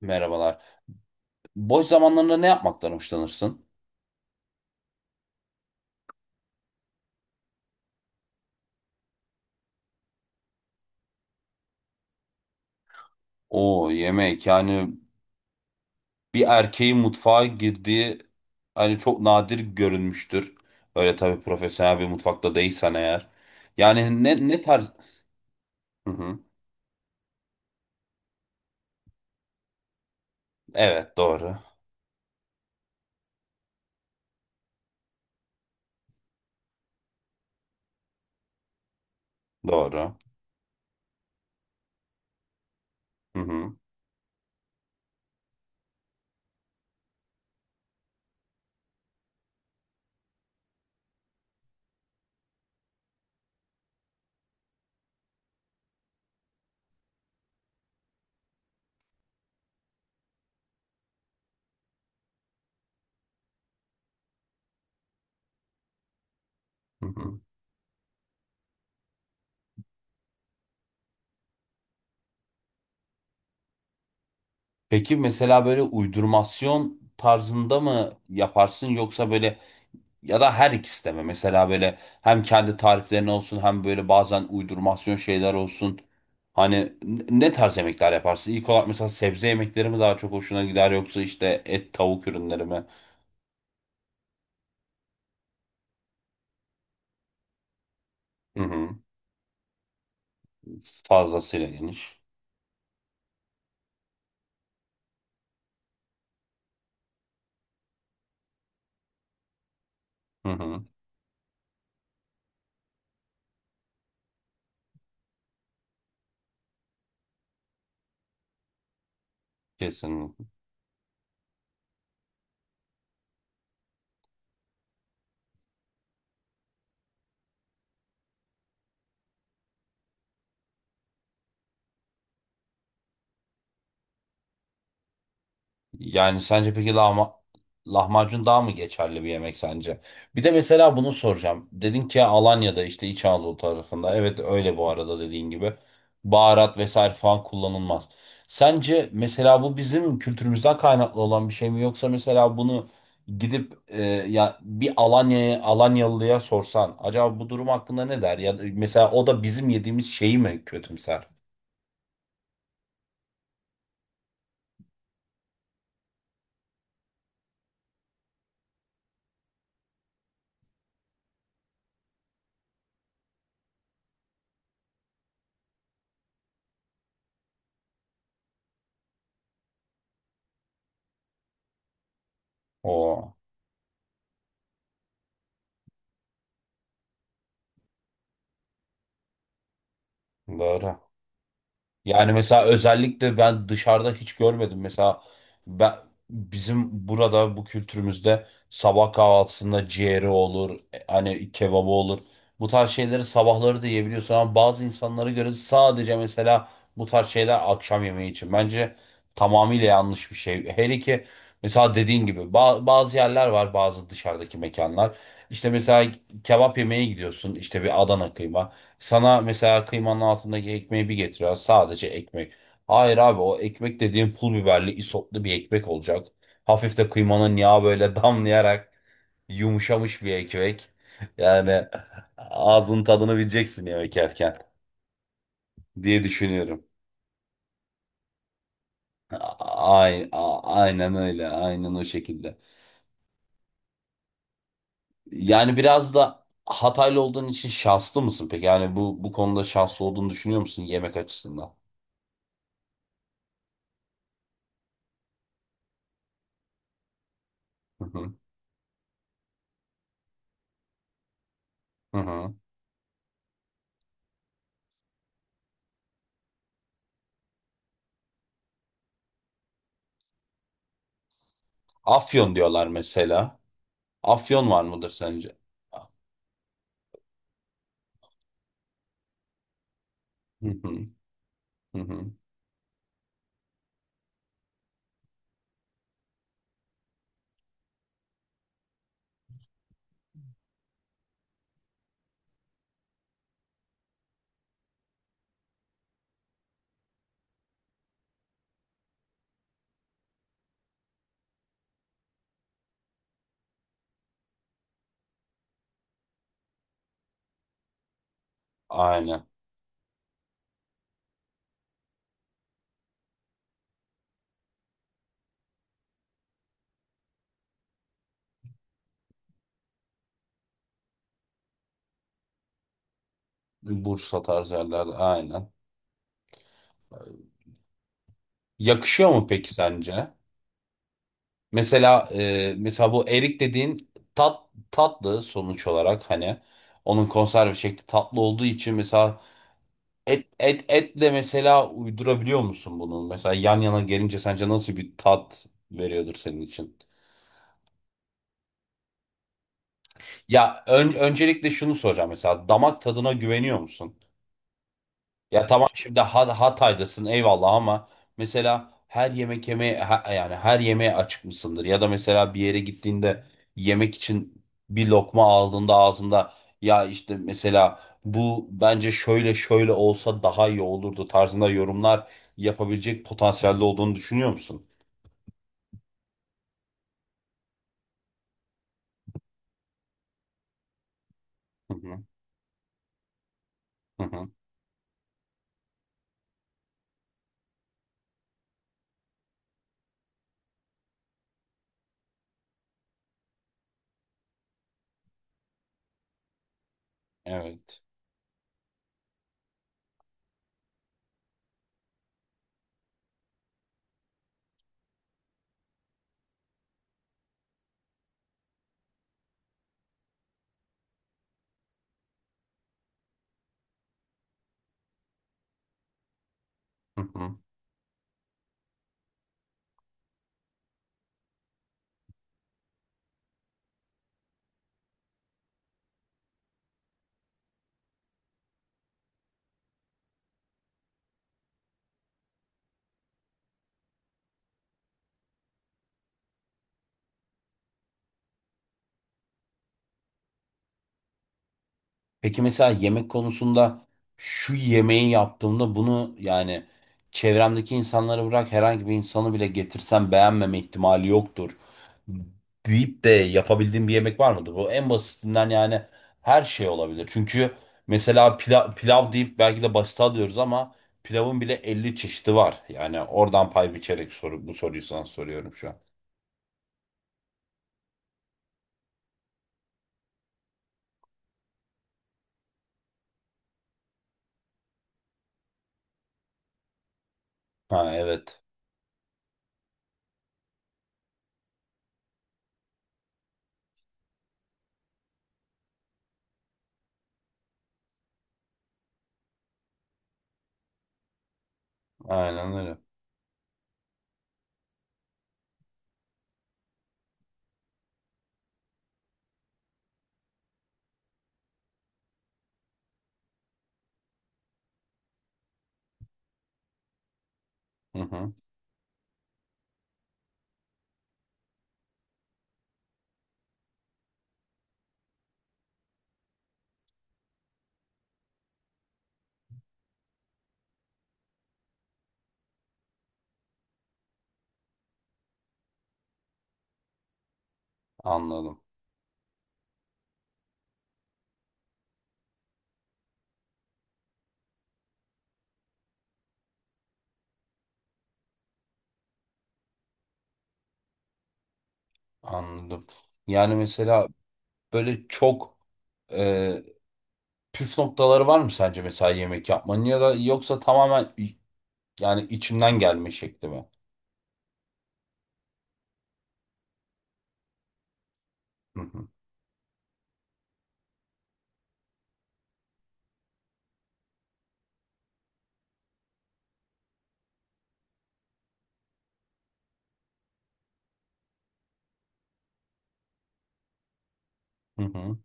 Merhabalar. Boş zamanlarında ne yapmaktan hoşlanırsın? O yemek yani bir erkeğin mutfağa girdiği hani çok nadir görünmüştür. Öyle tabii profesyonel bir mutfakta değilsen eğer. Yani ne tarz? Hı hı. Evet doğru. Doğru. Hı hı. Hı hı. Peki mesela böyle uydurmasyon tarzında mı yaparsın yoksa böyle, ya da her ikisi de mi? Mesela böyle hem kendi tariflerin olsun hem böyle bazen uydurmasyon şeyler olsun. Hani ne tarz yemekler yaparsın? İlk olarak mesela sebze yemekleri mi daha çok hoşuna gider yoksa işte et tavuk ürünleri mi? Hı hı. Fazlasıyla geniş. Hı hı. Kesinlikle. Yani sence peki lahmacun daha mı geçerli bir yemek sence? Bir de mesela bunu soracağım. Dedin ki Alanya'da işte İç Anadolu tarafında. Evet öyle bu arada dediğin gibi. Baharat vesaire falan kullanılmaz. Sence mesela bu bizim kültürümüzden kaynaklı olan bir şey mi yoksa mesela bunu gidip ya bir Alanyalıya sorsan acaba bu durum hakkında ne der? Ya da mesela o da bizim yediğimiz şeyi mi kötümser? Oo, doğru. Yani mesela özellikle ben dışarıda hiç görmedim. Mesela ben, bizim burada bu kültürümüzde sabah kahvaltısında ciğeri olur, hani kebabı olur. Bu tarz şeyleri sabahları da yiyebiliyorsun ama bazı insanlara göre sadece mesela bu tarz şeyler akşam yemeği için. Bence tamamıyla yanlış bir şey. Hele ki mesela dediğin gibi bazı yerler var, bazı dışarıdaki mekanlar. İşte mesela kebap yemeye gidiyorsun, işte bir Adana kıyma. Sana mesela kıymanın altındaki ekmeği bir getiriyor. Sadece ekmek. Hayır abi, o ekmek dediğin pul biberli isotlu bir ekmek olacak. Hafif de kıymanın yağı böyle damlayarak yumuşamış bir ekmek. Yani ağzın tadını bileceksin yemek yerken diye düşünüyorum. Ay, aynen öyle. Aynen o şekilde. Yani biraz da Hataylı olduğun için şanslı mısın peki? Yani bu konuda şanslı olduğunu düşünüyor musun yemek açısından? Hı hı. Hı hı. Afyon diyorlar mesela. Afyon var mıdır sence? Hı hı, hı hı. Aynen. Bursa tarzı yerlerde aynen. Yakışıyor mu peki sence? Mesela mesela bu erik dediğin tat tatlı sonuç olarak, hani onun konserve şekli tatlı olduğu için, mesela et et etle mesela uydurabiliyor musun bunu? Mesela yan yana gelince sence nasıl bir tat veriyordur senin için? Ya öncelikle şunu soracağım: mesela damak tadına güveniyor musun? Ya tamam, şimdi Hatay'dasın eyvallah ama mesela her yemek yemeye yani her yemeğe açık mısındır? Ya da mesela bir yere gittiğinde yemek için bir lokma aldığında ağzında, ya işte mesela bu bence şöyle şöyle olsa daha iyi olurdu tarzında yorumlar yapabilecek potansiyelde olduğunu düşünüyor musun? Hı hı, hı hı, evet. Hı hı. Peki mesela yemek konusunda şu yemeği yaptığımda bunu, yani çevremdeki insanları bırak, herhangi bir insanı bile getirsem beğenmeme ihtimali yoktur deyip de yapabildiğim bir yemek var mıdır? Bu en basitinden, yani her şey olabilir. Çünkü mesela pilav deyip belki de basit alıyoruz ama pilavın bile 50 çeşidi var. Yani oradan pay biçerek bu soruyu sana soruyorum şu an. Ha evet. Aynen öyle. Hı hı. Anladım. Anladım. Yani mesela böyle çok e, püf noktaları var mı sence mesela yemek yapmanın, ya da yoksa tamamen yani içinden gelme şekli mi? Hı hı. Hı hı.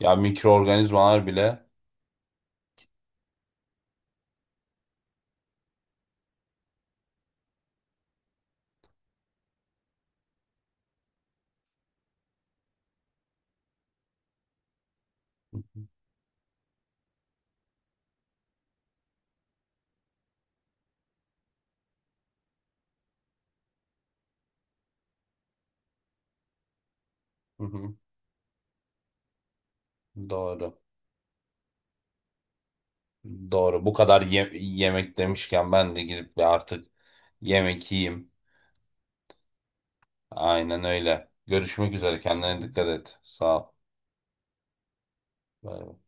Ya mikroorganizmalar bile. Hı hı. Hı hı. Doğru. Doğru. Bu kadar yemek demişken ben de gidip bir artık yemek yiyeyim. Aynen öyle. Görüşmek üzere. Kendine dikkat et. Sağ ol. Bay bay.